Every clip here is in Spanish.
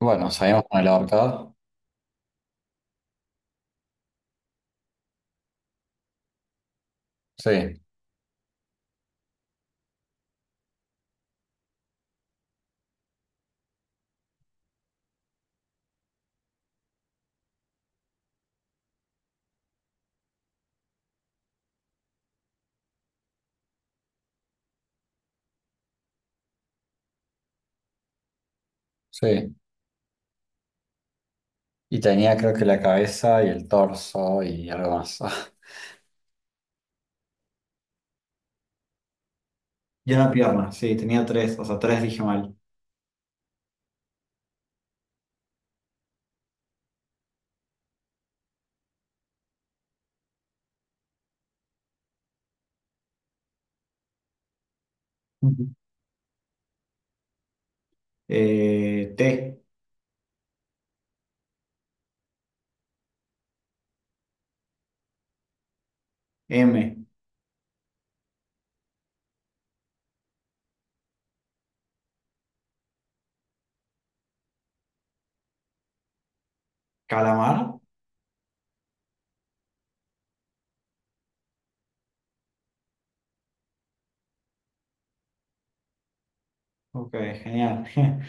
Bueno, salimos con el ahorcado. Sí, sí. Y tenía creo que la cabeza y el torso y algo más. Y una pierna, sí, tenía tres, o sea, tres dije mal. Ujú. T, M, calamar. Ok, genial.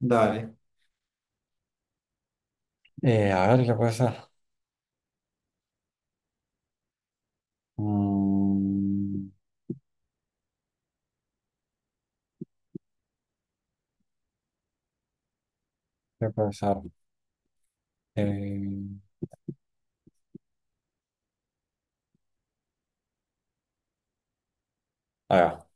Dale. A ver, ¿qué puede ser? Mm, ¿Qué puede ser? Eh, ahí va.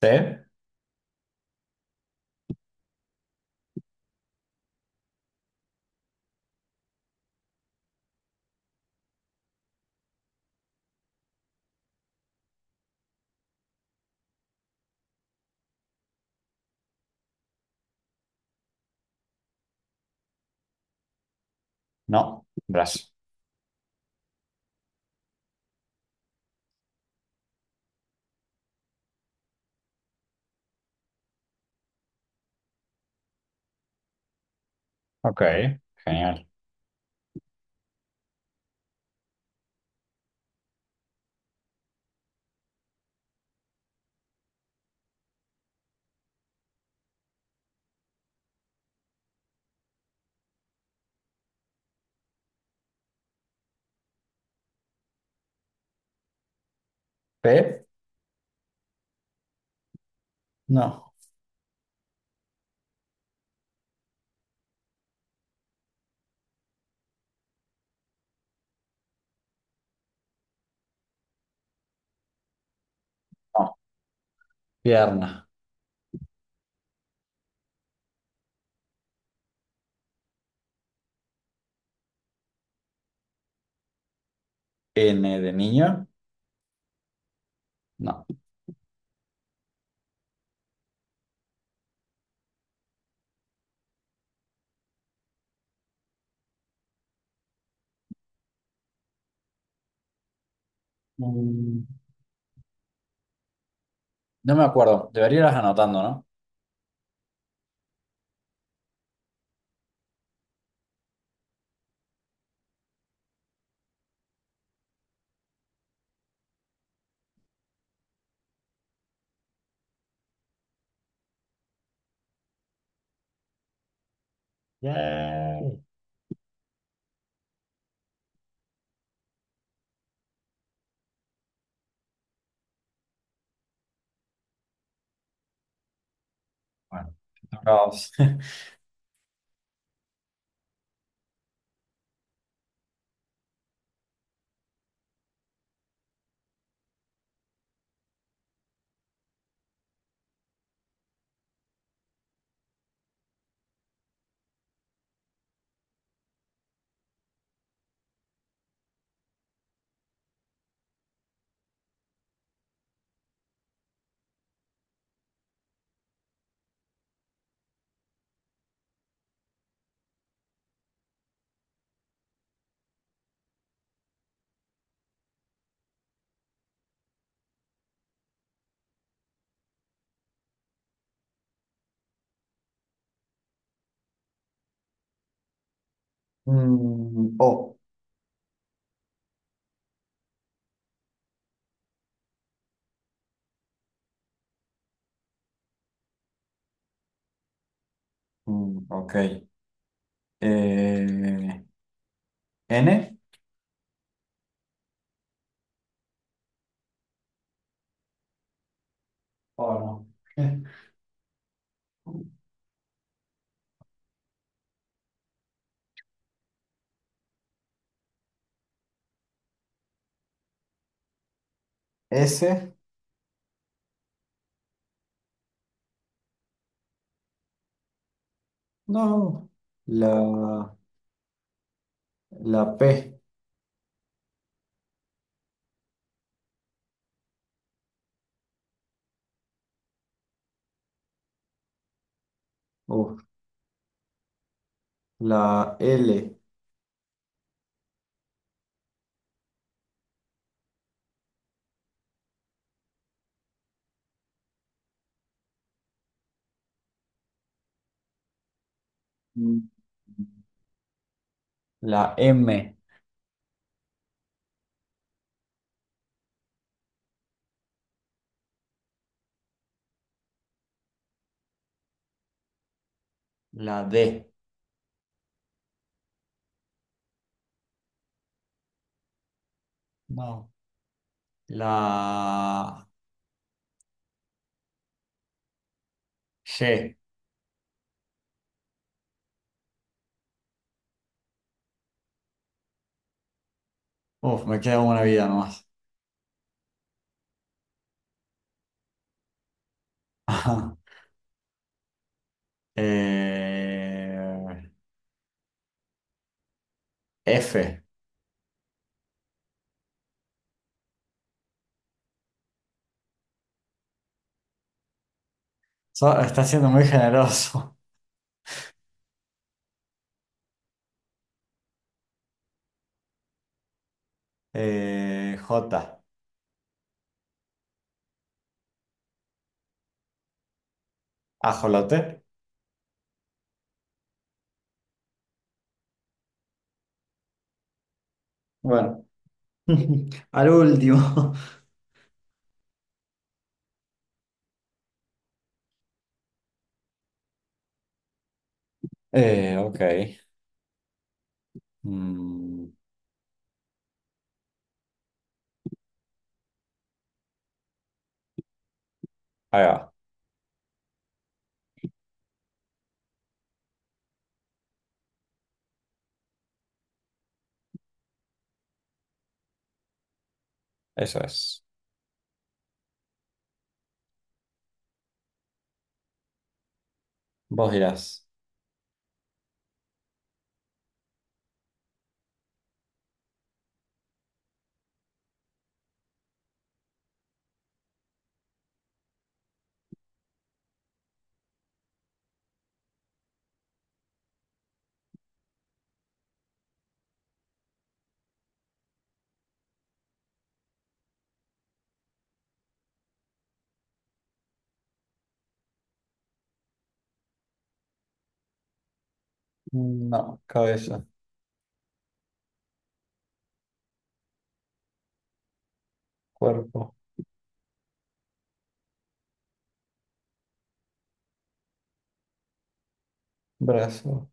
T, no, brazo. Ok, genial. P, no. No, pierna. N de niño, no. Mm, No me acuerdo, debería irlas anotando, ¿no? Yay. Bueno, toca a vos. Mm, o. Mm, ok. Eh, N. Oh, no. S. No. La, la P. Uf. La L. Mm, la M. La D. No. La G. Uf, me queda una vida nomás. Ajá. Eh, F. Está siendo muy generoso. J. Ajolote. Bueno, al último. Ok. Mm, ahí va. Eso es. Vos dirás. No, cabeza, cuerpo, brazo,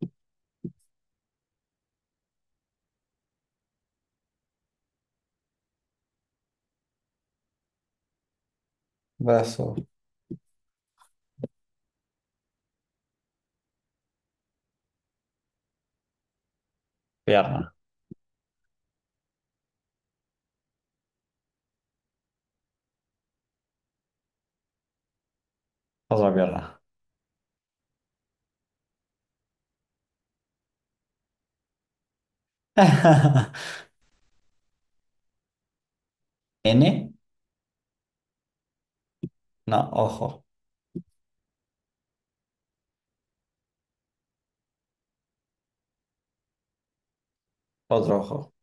brazo, pierna, otra pierna. ¿N? No, ojo, otro ojo.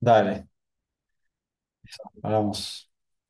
Dale, eso, hablamos.